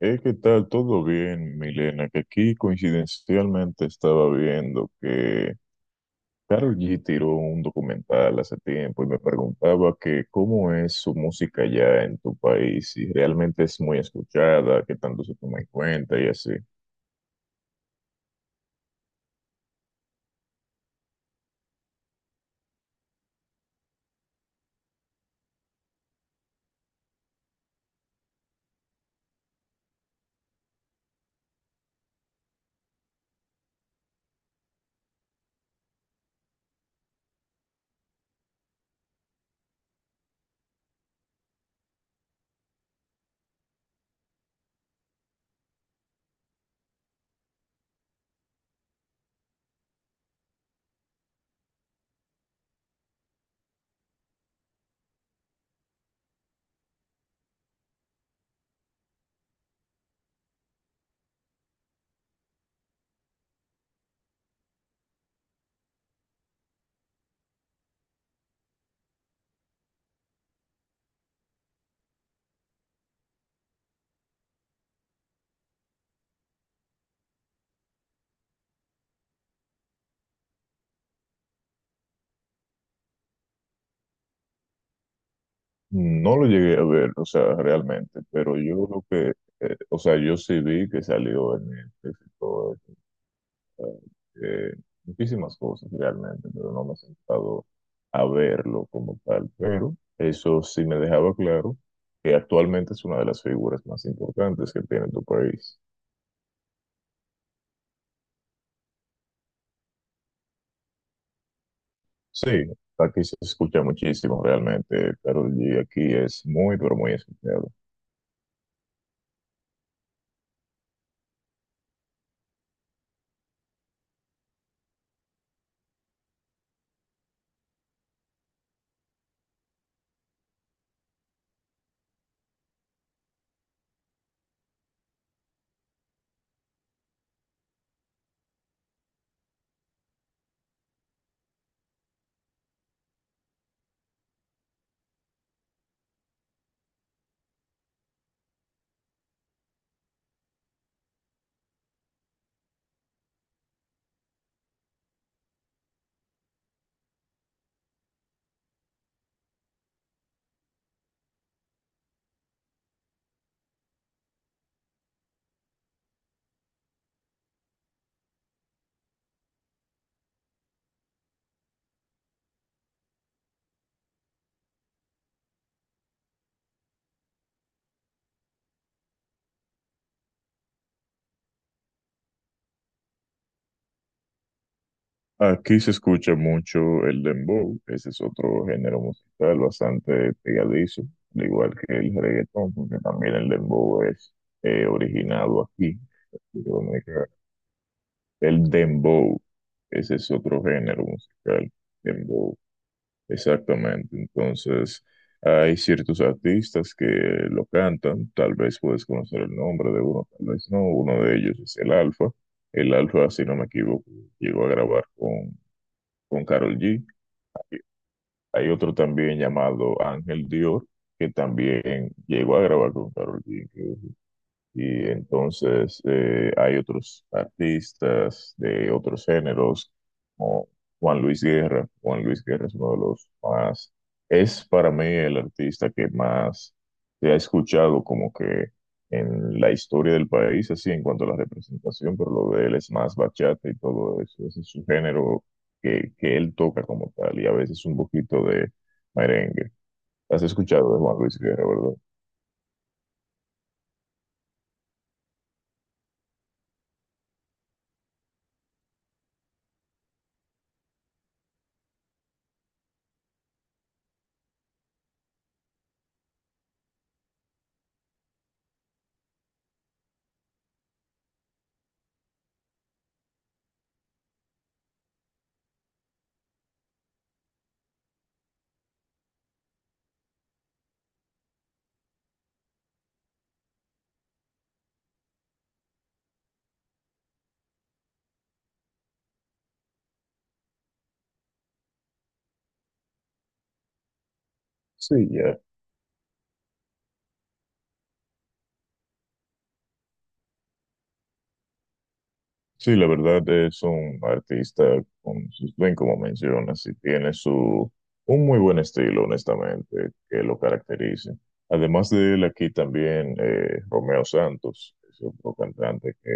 ¿Qué tal? ¿Todo bien, Milena? Que aquí coincidencialmente estaba viendo que Karol G tiró un documental hace tiempo y me preguntaba que cómo es su música allá en tu país, si realmente es muy escuchada, qué tanto se toma en cuenta y así. No lo llegué a ver, o sea, realmente, pero yo creo que, o sea, yo sí vi que salió en el eh, muchísimas cosas realmente, pero no me he sentado a verlo como tal. Pero eso sí me dejaba claro que actualmente es una de las figuras más importantes que tiene tu país. Sí, aquí se escucha muchísimo realmente, Karol G aquí es muy, pero muy escuchado. Aquí se escucha mucho el dembow, ese es otro género musical bastante pegadizo, al igual que el reggaetón, porque también el dembow es originado aquí, en República Dominicana. El dembow, ese es otro género musical, dembow, exactamente. Entonces, hay ciertos artistas que lo cantan, tal vez puedes conocer el nombre de uno, tal vez no. Uno de ellos es el Alfa. El Alfa, si no me equivoco, llegó a grabar con Karol G. Hay otro también llamado Ángel Dior, que también llegó a grabar con Karol G. Y entonces hay otros artistas de otros géneros, como Juan Luis Guerra. Juan Luis Guerra es uno de los más, es para mí el artista que más se ha escuchado como que en la historia del país, así en cuanto a la representación, pero lo de él es más bachata y todo eso. Ese es su género que él toca como tal y a veces un poquito de merengue. ¿Has escuchado de Juan Luis Guerra, verdad? Sí, ya. Sí, la verdad es un artista con sus bien como mencionas, y tiene su un muy buen estilo, honestamente, que lo caracteriza. Además de él, aquí también Romeo Santos, es otro cantante que,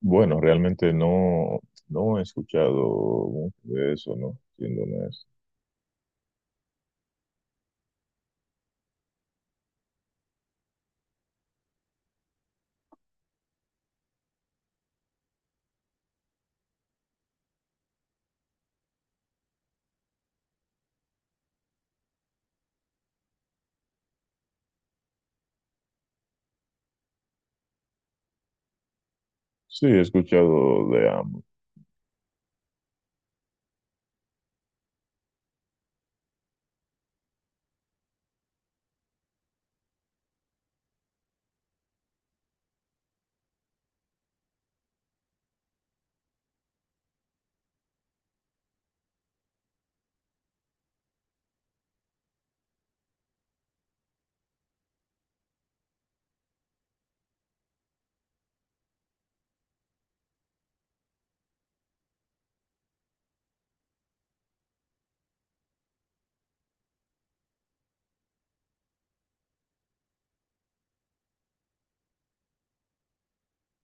bueno, realmente no, no he escuchado mucho de eso, ¿no? Siendo honesto. Sí, he escuchado de ambos.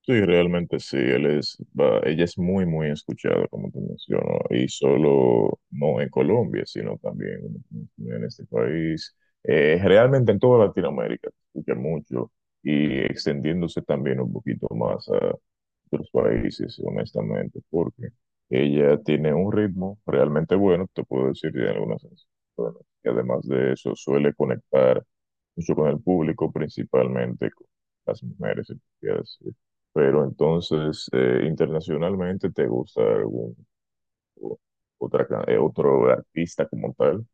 Sí, realmente sí, él es, ella es muy, muy escuchada, como te menciono, y solo no en Colombia, sino también como te mencioné, en este país, realmente en toda Latinoamérica, se escucha mucho y extendiéndose también un poquito más a otros países, honestamente, porque ella tiene un ritmo realmente bueno, te puedo decir, de algunas canciones, y además de eso suele conectar mucho con el público, principalmente con las mujeres, se podría decir. Pero entonces, internacionalmente, ¿te gusta algún o- otra, otro artista como tal?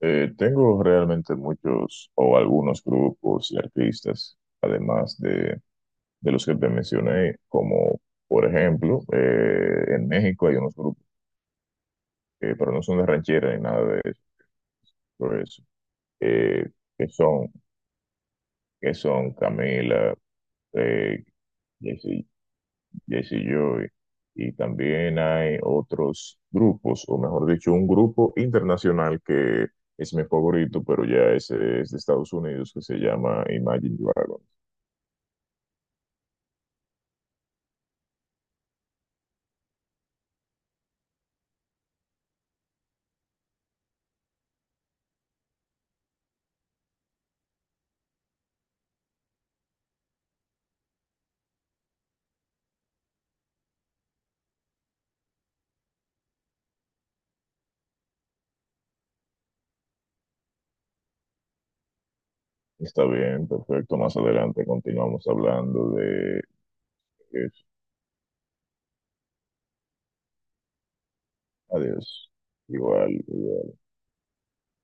Tengo realmente muchos o algunos grupos y artistas, además de los que te mencioné, como por ejemplo, en México hay unos grupos que, pero no son de ranchera ni nada de eso, por eso, eh, que son, que son Camila, eh, Jessie Joy y también hay otros grupos, o mejor dicho, un grupo internacional que es mi favorito, pero ya ese es de Estados Unidos, que se llama Imagine Dragons. Está bien, perfecto. Más adelante continuamos hablando de eso. Adiós. Igual.